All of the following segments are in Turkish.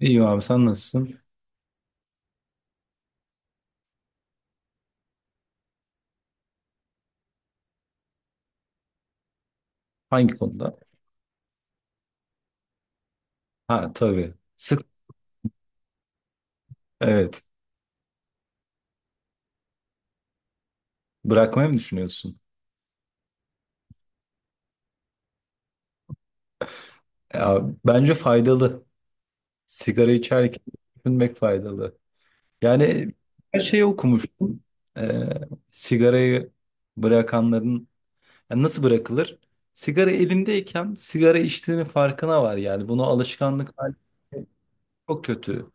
İyiyim abi sen nasılsın? Hangi konuda? Ha tabii. Evet. Bırakmayı mı düşünüyorsun? Ya, bence faydalı. Sigara içerken düşünmek faydalı. Yani her şeyi okumuştum. Ee, Sigarayı bırakanların yani nasıl bırakılır? Sigara elindeyken sigara içtiğinin farkına var yani. Bunu alışkanlık haline çok kötü.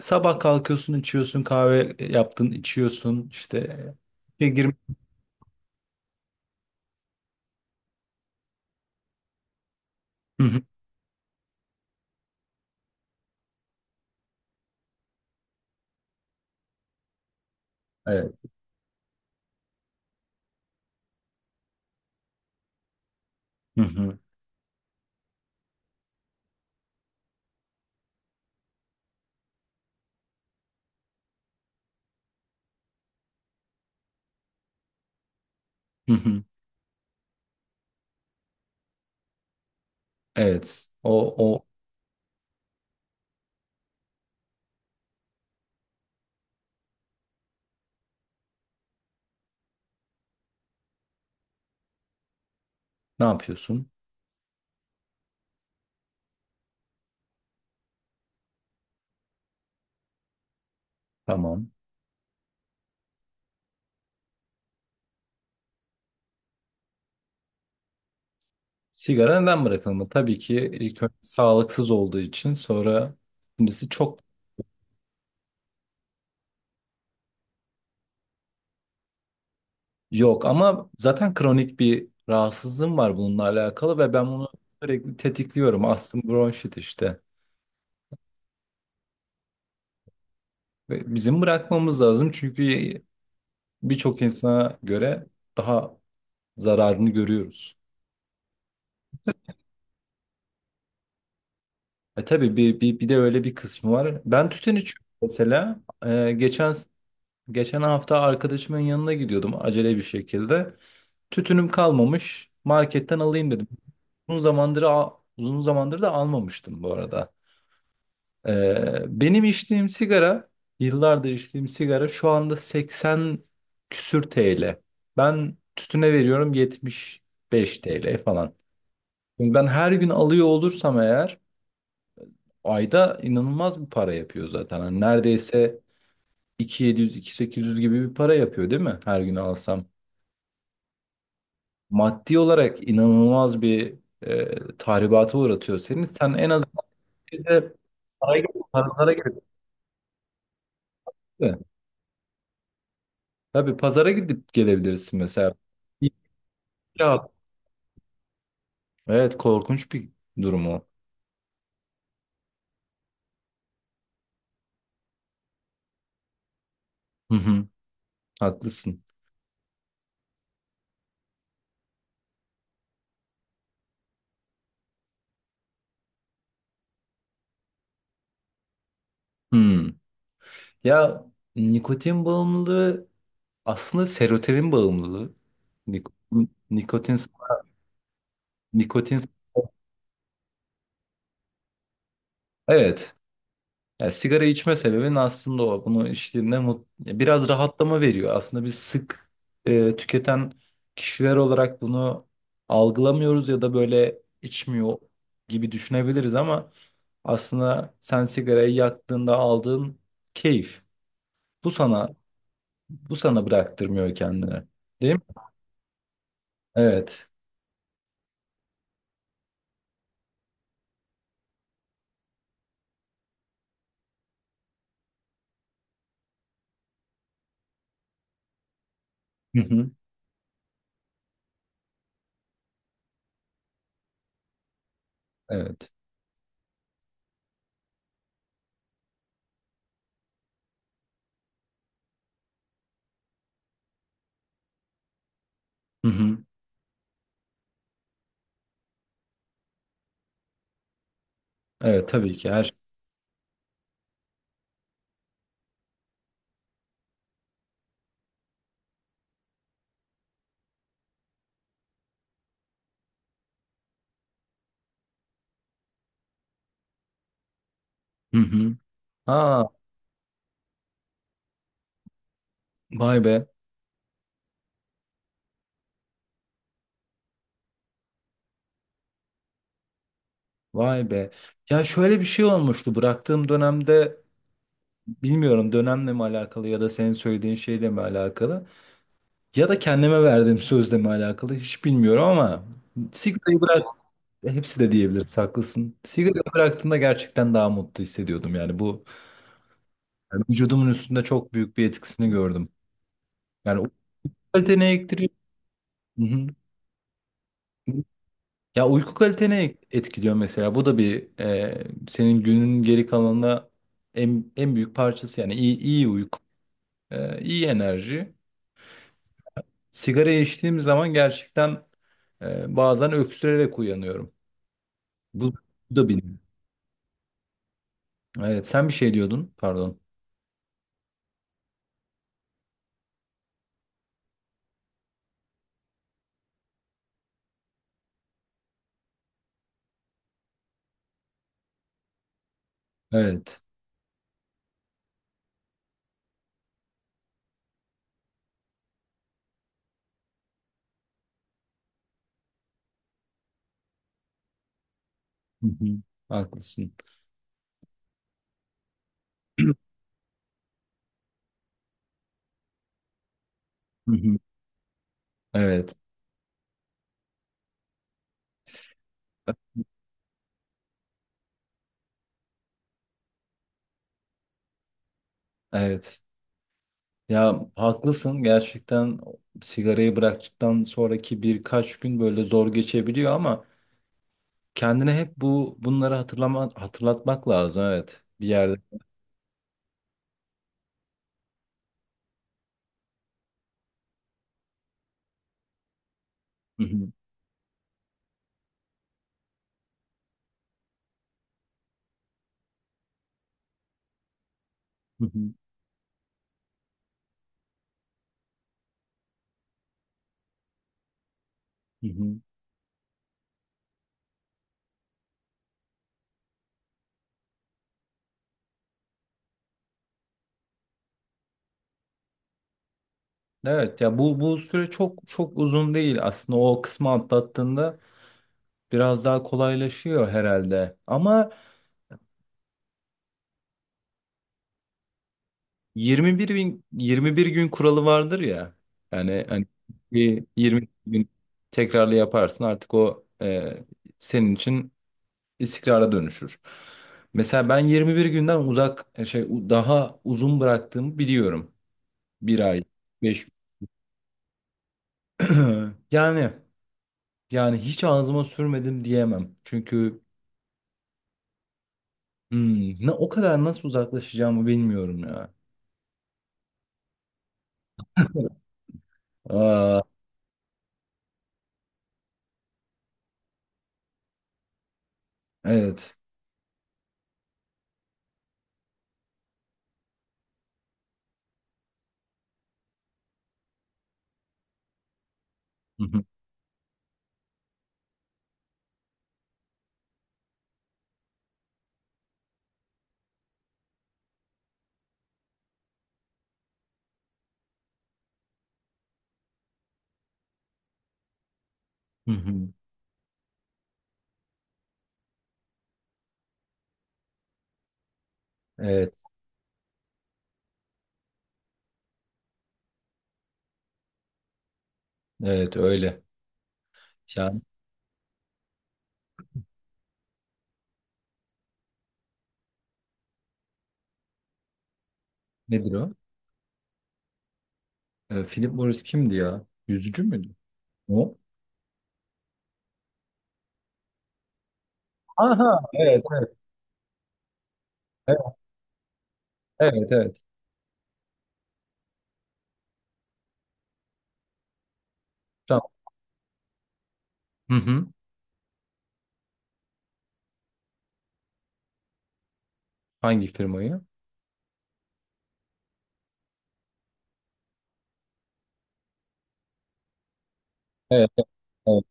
Sabah kalkıyorsun içiyorsun kahve yaptın içiyorsun işte. Bir girme- Hı hı. Evet. Hı hı. Hı hı. Evet. O, o Ne yapıyorsun? Tamam. Sigara neden bırakılmalı? Tabii ki ilk önce sağlıksız olduğu için, sonra ikincisi çok yok ama zaten kronik bir rahatsızlığım var bununla alakalı ve ben bunu sürekli tetikliyorum. Astım, bronşit işte. Ve bizim bırakmamız lazım çünkü birçok insana göre daha zararını görüyoruz. E tabii bir de öyle bir kısmı var. Ben tütün içiyorum mesela. E, geçen Geçen hafta arkadaşımın yanına gidiyordum acele bir şekilde. Tütünüm kalmamış. Marketten alayım dedim. Uzun zamandır al- uzun zamandır da almamıştım bu arada. Benim içtiğim sigara, yıllardır içtiğim sigara şu anda 80 küsür TL. Ben tütüne veriyorum 75 TL falan. Şimdi ben her gün alıyor olursam eğer ayda inanılmaz bir para yapıyor zaten. Hani neredeyse 2700-2800 gibi bir para yapıyor değil mi, her gün alsam? Maddi olarak inanılmaz bir tahribata uğratıyor seni. Sen en az bir de paraya gidip, pazara gidip, değil mi? Tabii pazara gidip gelebilirsin mesela. Ya. Evet, korkunç bir durum o. Hı hı, haklısın. Hmm. Ya, nikotin bağımlılığı aslında serotonin bağımlılığı. Nikotin, nikotin, nikotin. Evet. Ya sigara içme sebebin aslında o. Bunu içtiğinde biraz rahatlama veriyor. Aslında biz sık tüketen kişiler olarak bunu algılamıyoruz ya da böyle içmiyor gibi düşünebiliriz ama aslında sen sigarayı yaktığında aldığın keyif bu sana bu sana bıraktırmıyor kendini. Değil mi? Evet. Hı hı. Evet. Hı hı. Evet, tabii ki her. Hı hı. Ha, vay be. Vay be. Ya şöyle bir şey olmuştu bıraktığım dönemde. Bilmiyorum dönemle mi alakalı ya da senin söylediğin şeyle mi alakalı ya da kendime verdiğim sözle mi alakalı hiç bilmiyorum ama sigarayı bırak hepsi de diyebiliriz, haklısın. Sigarayı bıraktığımda gerçekten daha mutlu hissediyordum, yani bu yani vücudumun üstünde çok büyük bir etkisini gördüm. Yani uyku kalitene ektiriyor. Hı hı. Ya, uyku kalitene etkiliyor mesela, bu da bir senin günün geri kalanına en büyük parçası yani iyi uyku, iyi enerji. Sigarayı içtiğim zaman gerçekten bazen öksürerek uyanıyorum. Bu, bu da benim. Evet, sen bir şey diyordun, pardon. Evet. Hı hı. Haklısın. Hı hı. Evet. Evet. Ya haklısın, gerçekten sigarayı bıraktıktan sonraki birkaç gün böyle zor geçebiliyor ama kendine hep bunları hatırlatmak lazım, evet, bir yerde. Hı hı, hı hı, hı hı. Evet ya, bu süre çok çok uzun değil aslında, o kısmı atlattığında biraz daha kolaylaşıyor herhalde. Ama 21 gün kuralı vardır ya. Yani hani bir 20 gün tekrarlı yaparsın, artık o senin için istikrara dönüşür. Mesela ben 21 günden uzak e, şey u- daha uzun bıraktığımı biliyorum. Bir ay, beş yani yani hiç ağzıma sürmedim diyemem. Çünkü ne o kadar nasıl uzaklaşacağımı bilmiyorum ya. Aa, evet. Hı hı. Evet, evet öyle. Yani nedir o? Philip Morris kimdi ya? Yüzücü müydü? O? Aha, evet, evet, evet, evet, evet. Tamam. Hı hı. Hangi firmayı? Evet, evet. Evet.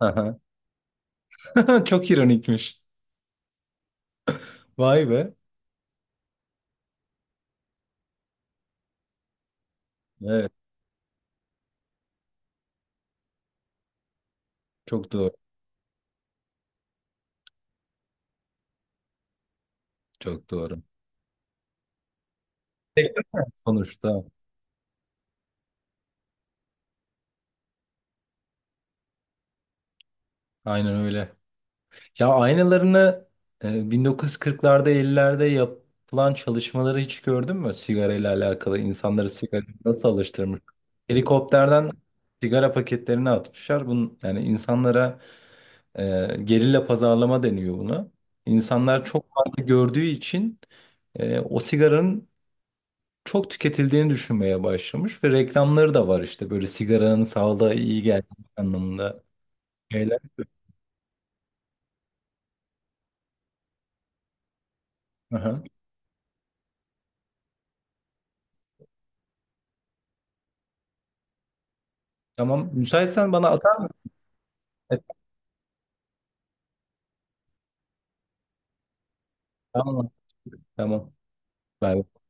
Aha. Çok ironikmiş. Vay be. Evet, çok doğru, çok doğru. Sektör Sonuçta, aynen öyle. Ya aynalarını 1940'larda 50'lerde yapılan çalışmaları hiç gördün mü? Sigara ile alakalı insanları sigara nasıl alıştırmış? Helikopterden sigara paketlerini atmışlar. Bunun, yani insanlara gerilla pazarlama deniyor buna. İnsanlar çok fazla gördüğü için o sigaranın çok tüketildiğini düşünmeye başlamış ve reklamları da var işte böyle sigaranın sağlığa iyi geldiği anlamında şeyler. Aha. Tamam. Müsaitsen bana atar mısın? Evet, tamam. Tamam. Bay bay.